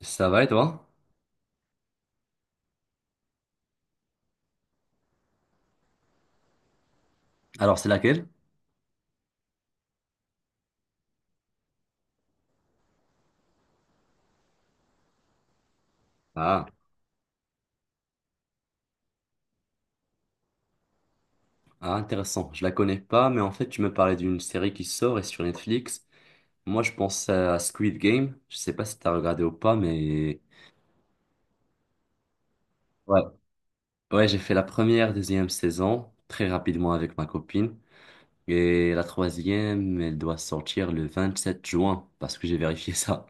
Ça va et toi? Alors, c'est laquelle? Ah, ah, intéressant. Je la connais pas, mais en fait, tu me parlais d'une série qui sort et sur Netflix. Moi, je pense à Squid Game. Je sais pas si t'as regardé ou pas, mais ouais, ouais, j'ai fait la première, deuxième saison très rapidement avec ma copine et la troisième, elle doit sortir le 27 juin parce que j'ai vérifié ça.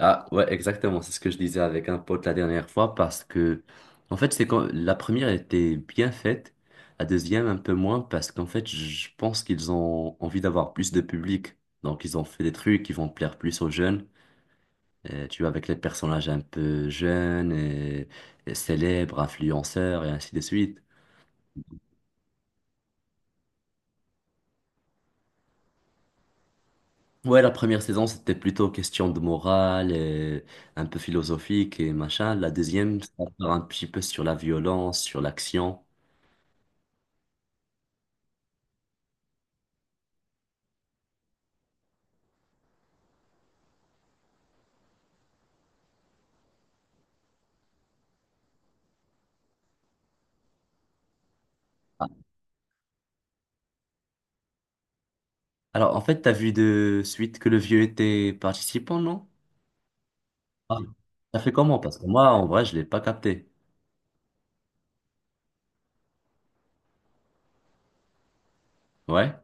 Ah ouais, exactement, c'est ce que je disais avec un pote la dernière fois parce que en fait, c'est quand la première était bien faite, la deuxième un peu moins parce qu'en fait, je pense qu'ils ont envie d'avoir plus de public. Donc ils ont fait des trucs qui vont plaire plus aux jeunes. Tu vois, avec les personnages un peu jeunes et célèbres, influenceurs et ainsi de suite. Ouais, la première saison, c'était plutôt question de morale et un peu philosophique et machin. La deuxième, ça part un petit peu sur la violence, sur l'action. Alors, en fait, t'as vu de suite que le vieux était participant, non? Ah, ça fait comment? Parce que moi, en vrai, je l'ai pas capté. Ouais?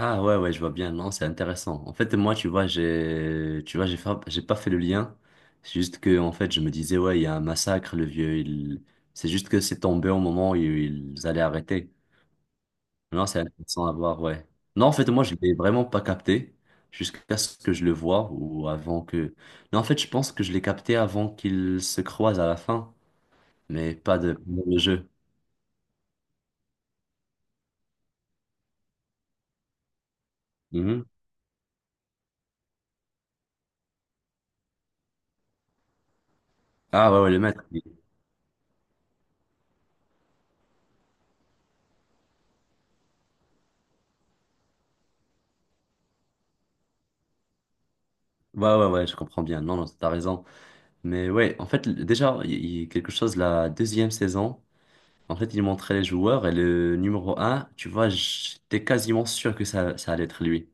Ah ouais, ouais, je vois bien. Non, c'est intéressant. En fait, moi, tu vois, j'ai pas fait le lien. C'est juste que, en fait, je me disais, ouais, il y a un massacre, le vieux, il... C'est juste que c'est tombé au moment où ils allaient arrêter. Non, c'est intéressant à voir, ouais. Non, en fait, moi, je l'ai vraiment pas capté jusqu'à ce que je le vois ou avant que... Non, en fait, je pense que je l'ai capté avant qu'ils se croisent à la fin, mais pas de jeu. Mhm. Ah ouais, ouais, le maître. Ouais, ouais, ouais, je comprends bien. Non, non, t'as raison. Mais ouais, en fait, déjà, il y a quelque chose, la deuxième saison, en fait, il montrait les joueurs et le numéro un, tu vois, j'étais quasiment sûr que ça allait être lui.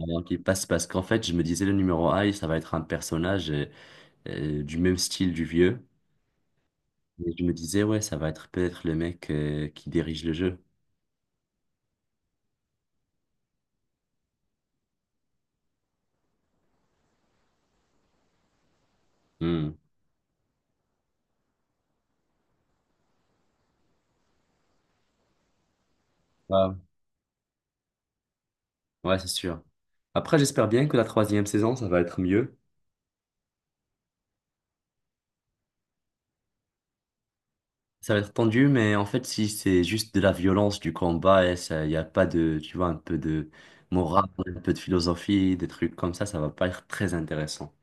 Avant qu'il passe, parce qu'en fait, je me disais, le numéro un, ça va être un personnage du même style du vieux. Et je me disais, ouais, ça va être peut-être le mec qui dirige le jeu. Hmm. Ouais, ouais, c'est sûr. Après, j'espère bien que la troisième saison, ça va être mieux. Ça va être tendu, mais en fait, si c'est juste de la violence, du combat, et ça, il n'y a pas de, tu vois, un peu de morale, un peu de philosophie, des trucs comme ça va pas être très intéressant.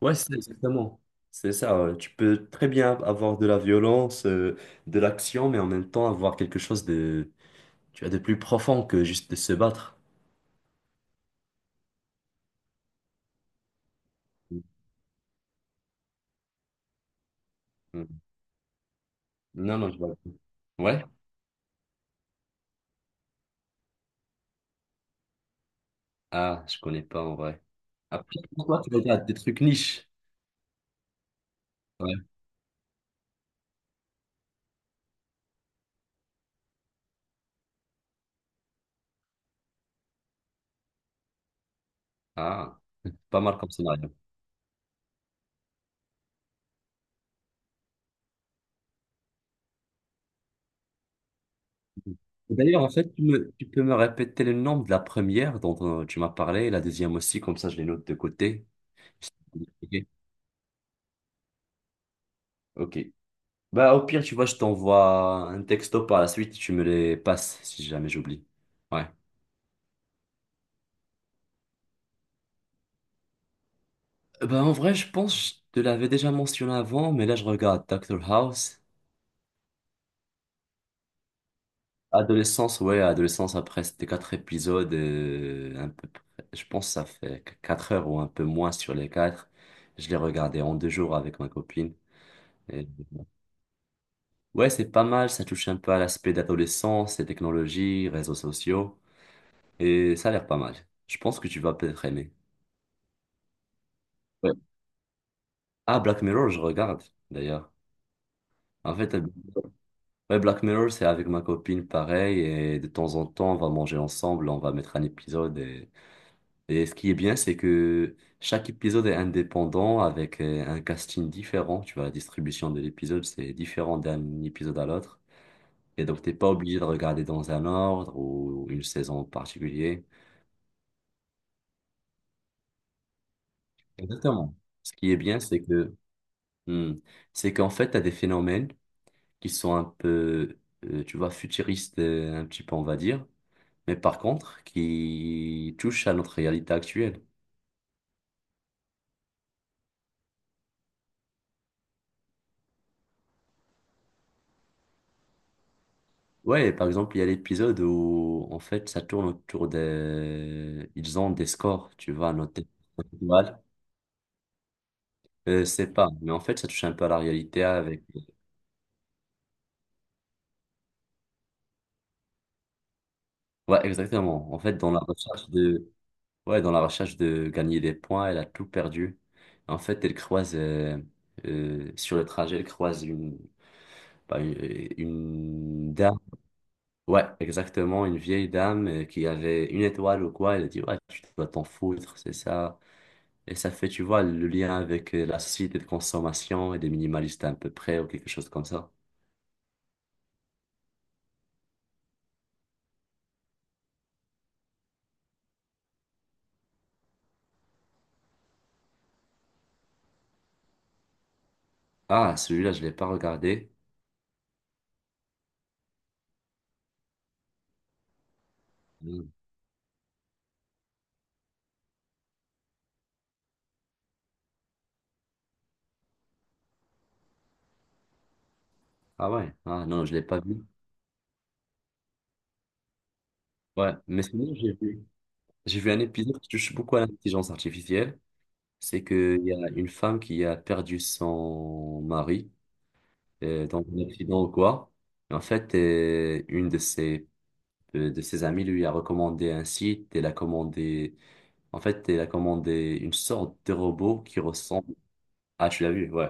Ouais, c'est exactement. C'est ça, ouais. Tu peux très bien avoir de la violence, de l'action, mais en même temps avoir quelque chose de, tu vois, de plus profond que juste de se battre. Mm. Non, non, je vois pas. Ouais? Ah, je connais pas en vrai. Après, pourquoi tu regardes des trucs niches? Ouais. Ah, pas mal comme ça. Et d'ailleurs, en fait, tu peux me répéter le nom de la première dont tu m'as parlé, et la deuxième aussi, comme ça je les note de côté. Ok. Ok. Bah, au pire, tu vois, je t'envoie un texto par la suite, tu me les passes si jamais j'oublie. Ouais. Bah, en vrai, je pense que je te l'avais déjà mentionné avant, mais là, je regarde Doctor House. Adolescence, ouais, adolescence, après, c'était quatre épisodes, je pense que ça fait quatre heures ou un peu moins sur les quatre. Je l'ai regardé en deux jours avec ma copine. Ouais, c'est pas mal, ça touche un peu à l'aspect d'adolescence, les technologies, réseaux sociaux, et ça a l'air pas mal. Je pense que tu vas peut-être aimer. Ouais. Ah, Black Mirror, je regarde, d'ailleurs. En fait, ouais, Black Mirror, c'est avec ma copine pareil, et de temps en temps, on va manger ensemble, on va mettre un épisode. Et ce qui est bien, c'est que chaque épisode est indépendant avec un casting différent. Tu vois, la distribution de l'épisode, c'est différent d'un épisode à l'autre. Et donc, t'es pas obligé de regarder dans un ordre ou une saison en particulier. Exactement. Ce qui est bien, c'est que hmm, c'est qu'en fait, tu as des phénomènes qui sont un peu, tu vois, futuristes, un petit peu, on va dire, mais par contre, qui touchent à notre réalité actuelle. Ouais, par exemple, il y a l'épisode où, en fait, ça tourne autour des... Ils ont des scores, tu vois, notés. Étoiles. C'est pas, mais en fait, ça touche un peu à la réalité avec... Ouais, exactement. En fait, dans la recherche de... Ouais, dans la recherche de gagner des points, elle a tout perdu. En fait, elle croise, sur le trajet, elle croise une, pas une, une dame. Ouais, exactement, une vieille dame qui avait une étoile ou quoi. Elle a dit, ouais, tu dois t'en foutre, c'est ça. Et ça fait, tu vois, le lien avec la société de consommation et des minimalistes à peu près ou quelque chose comme ça. Ah, celui-là, je l'ai pas regardé. Hmm. Ah ouais, ah non, je l'ai pas vu. Ouais, mais sinon, j'ai vu un épisode qui touche beaucoup à l'intelligence artificielle. C'est qu'il y a une femme qui a perdu son mari dans un accident ou quoi. Et en fait, de ses amies lui a recommandé un site. Elle a commandé une sorte de robot qui ressemble. Ah, tu l'as vu, ouais.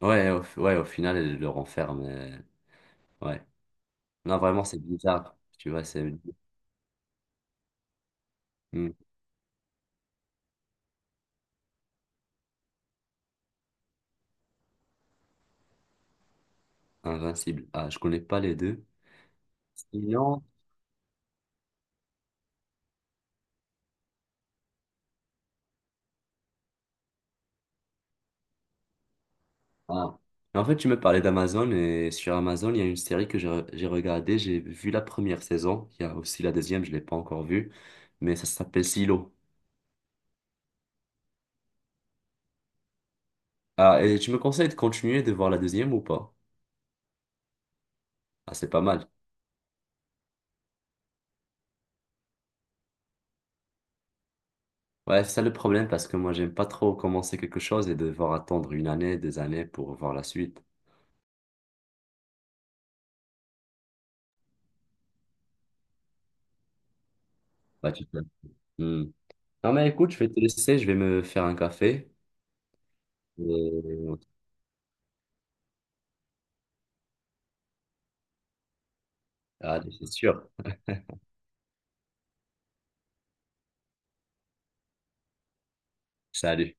Ouais, au final, elle le renferme. Ouais. Non, vraiment, c'est bizarre. Tu vois, c'est... Hmm, invincible. Ah, je connais pas les deux. Sinon, ah. En fait, tu me parlais d'Amazon et sur Amazon, il y a une série que j'ai regardée. J'ai vu la première saison. Il y a aussi la deuxième, je ne l'ai pas encore vue. Mais ça s'appelle Silo. Ah, et tu me conseilles de continuer de voir la deuxième ou pas? Ah, c'est pas mal. Ouais, c'est ça le problème parce que moi, j'aime pas trop commencer quelque chose et devoir attendre une année, deux années pour voir la suite. Bah, tu peux. Hmm. Non, mais écoute, je vais te laisser. Je vais me faire un café. Et... Allez, c'est sûr. Salut.